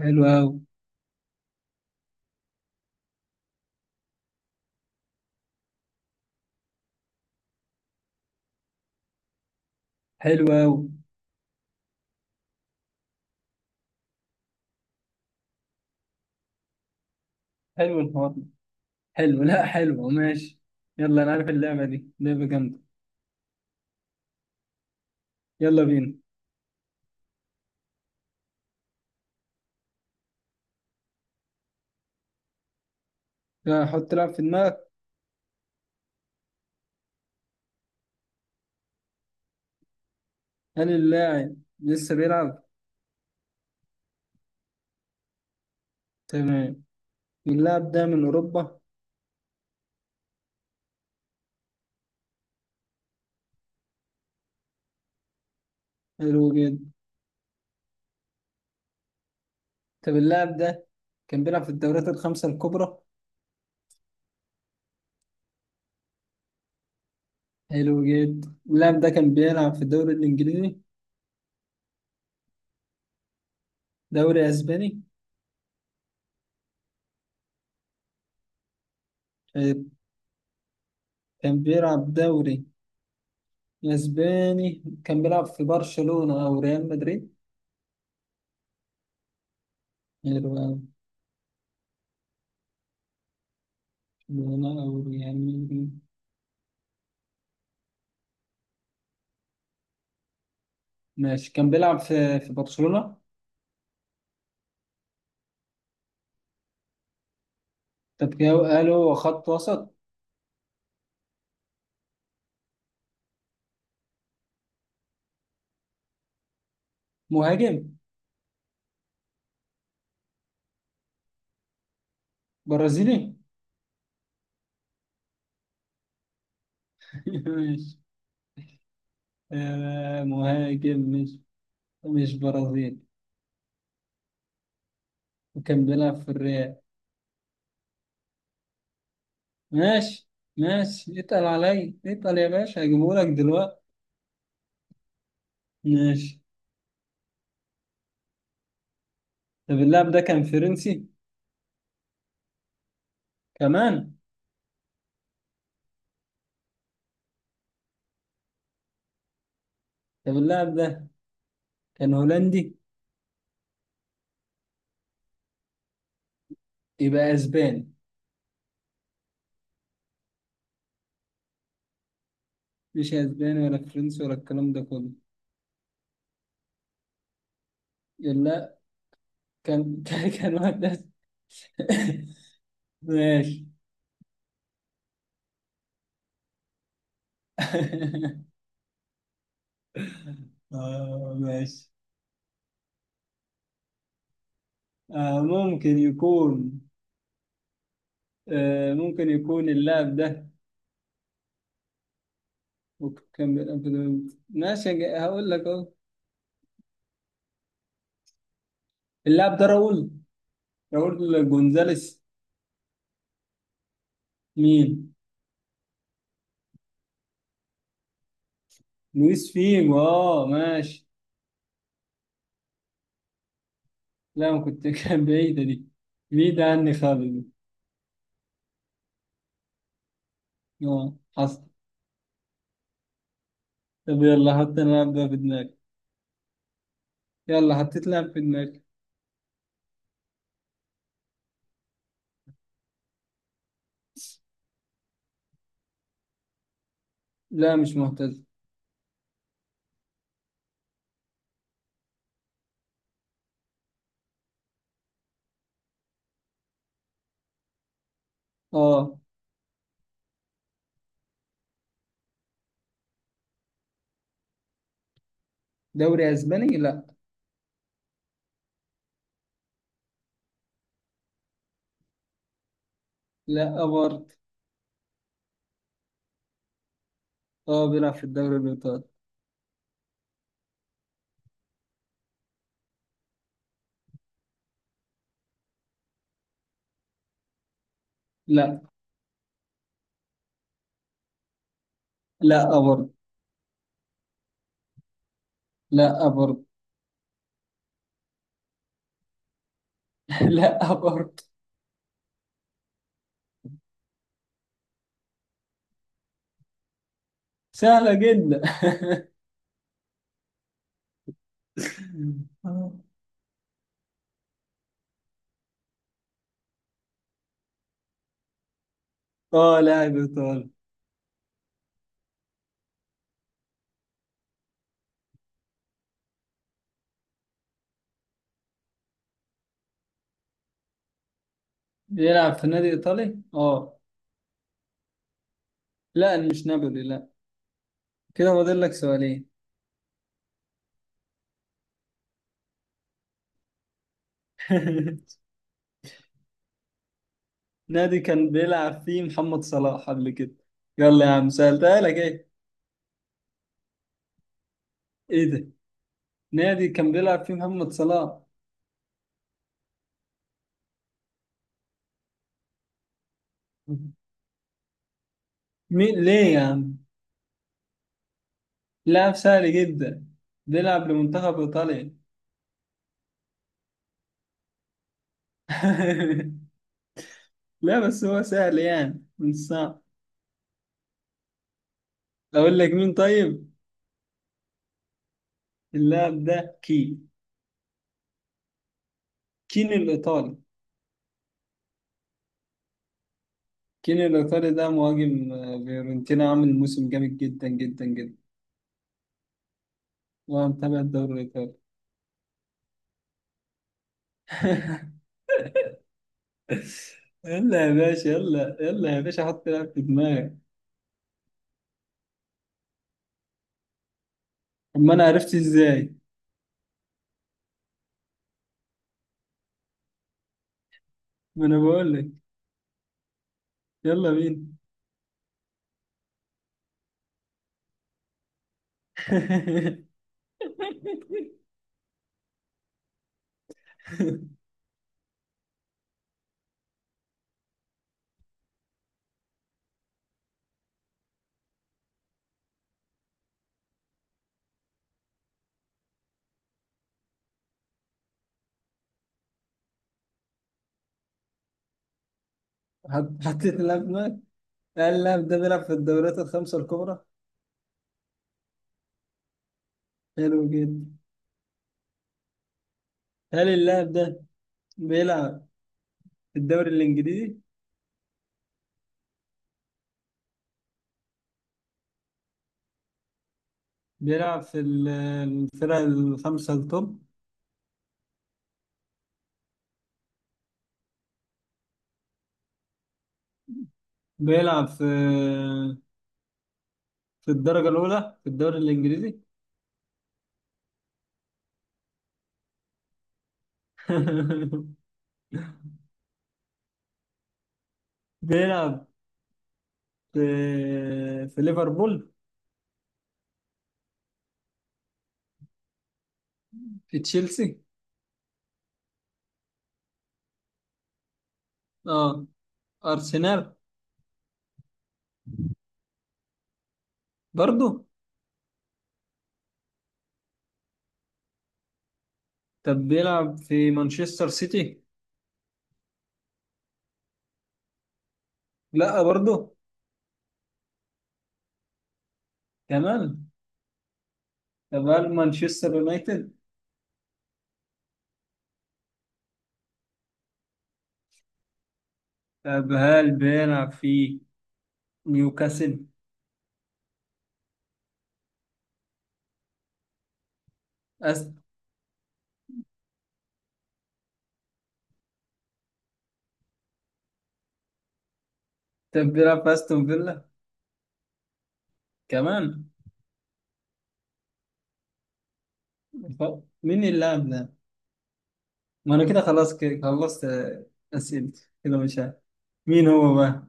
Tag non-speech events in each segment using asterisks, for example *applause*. حلو أوي. حلو أوي. حلو الحوار ده. حلو، لا حلو، ماشي. يلا، أنا عارف اللعبة دي لعبة جامدة. يلا بينا. لا، حط لاعب في دماغك. هل اللاعب لسه بيلعب؟ تمام. اللاعب ده من أوروبا؟ حلو جدا. طب اللاعب ده كان بيلعب في الدوريات الخمسة الكبرى؟ حلو جدا. اللاعب ده كان بيلعب في الدوري الإنجليزي؟ دوري أسباني؟ طيب، كان بيلعب دوري أسباني. كان بيلعب في برشلونة أو ريال مدريد؟ حلو أوي. برشلونة أو ريال مدريد. ماشي، كان بيلعب في برشلونة. طب كده قالوا خط وسط. مهاجم. برازيلي. *laughs* ماشي. آه، مهاجم، مش برازيلي، وكان بيلعب في الريال. ماشي، ماشي، اتقل عليا، اتقل يا باشا، هجيبهولك دلوقتي. ماشي. طب اللاعب ده كان فرنسي؟ كمان. طب اللاعب ده كان هولندي؟ يبقى اسباني؟ مش اسباني ولا فرنسي ولا الكلام ده كله. لا. *laughs* كان واحد. *laughs* ماشي. *laughs* آه، ماشي. آه ممكن يكون آه، ممكن يكون اللاعب ده. ماشي. هقول لك اهو. اللاعب ده راؤول. راؤول جونزاليس. مين؟ لويس فيجو، اه، ماشي. لا، ما كنت *laughs* كان بعيدة دي. بعيدة عني خالص دي. اه، حصل. طب يلا، حط انا لاعب ده في دماغي. يلا، حطيت لاعب في دماغي. لا، مش مهتز. اه. دوري اسباني، لا. لا برضه. اه، بيلعب في الدوري الايطالي. لا. لا برضه. لا برضه. *laughs* لا برضه. سهلة جدا. *laughs* اه، لاعب ايطالي. بيلعب في نادي ايطالي، اه. لا، مش نابولي، لا. كده فاضل لك سؤالين. *laughs* نادي كان بيلعب فيه محمد صلاح قبل كده. يلا يا عم، سألتها لك ايه. ايه ده، نادي كان بيلعب فيه محمد صلاح. مين ليه يا عم. لاعب سهل جدا، بيلعب لمنتخب ايطاليا. *laughs* لا، بس هو سهل يعني، مش صعب. اقول لك مين طيب؟ اللاعب ده كين الايطالي. كين الايطالي ده مهاجم، آه، فيورنتينا عامل موسم جامد جدا جدا جدا. وانا متابع الدوري الايطالي. *laughs* يلا يا باشا، يلا يلا يا باشا، حط لاعب في دماغك. طب ما انا عرفت ازاي؟ ما انا بقول لك. يلا بينا. *laughs* حطيت اللاعب في دماغك. هل اللاعب ده بيلعب في الدوريات الخمسة الكبرى؟ حلو جدا. هل اللاعب ده بيلعب في الدوري الانجليزي؟ بيلعب في الفرق الخمسة التوب؟ بيلعب في الدرجة الأولى في الدوري الإنجليزي. *laughs* بيلعب في في ليفربول؟ في تشيلسي؟ اه. أرسنال؟ برضو. طب بيلعب في مانشستر سيتي؟ لا برضو. كمان. طب هل مانشستر يونايتد؟ طب هل بيلعب في نيوكاسل؟ أست... طب بيلعب في أستون فيلا؟ كمان. مين اللاعب ده؟ ما انا كده خلاص، كده خلصت، آه، اسئلتي كده، مش عارف مين هو بقى.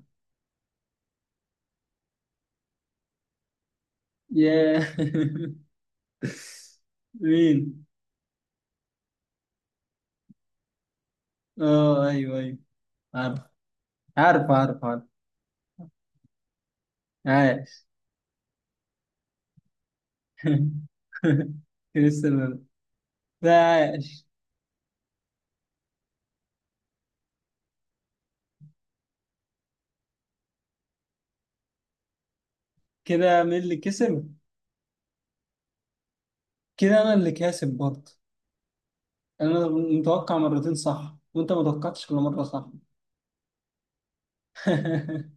ياه. *laughs* مين؟ اه، ايوه، ايوه. عارف. عارف، عارف، عارف. عاش. *laughs* كريستيانو ده. عاش. كده مين اللي كسب؟ كده انا اللي كاسب برضه. انا متوقع مرتين صح، وانت ما توقعتش كل مره صح. *laughs*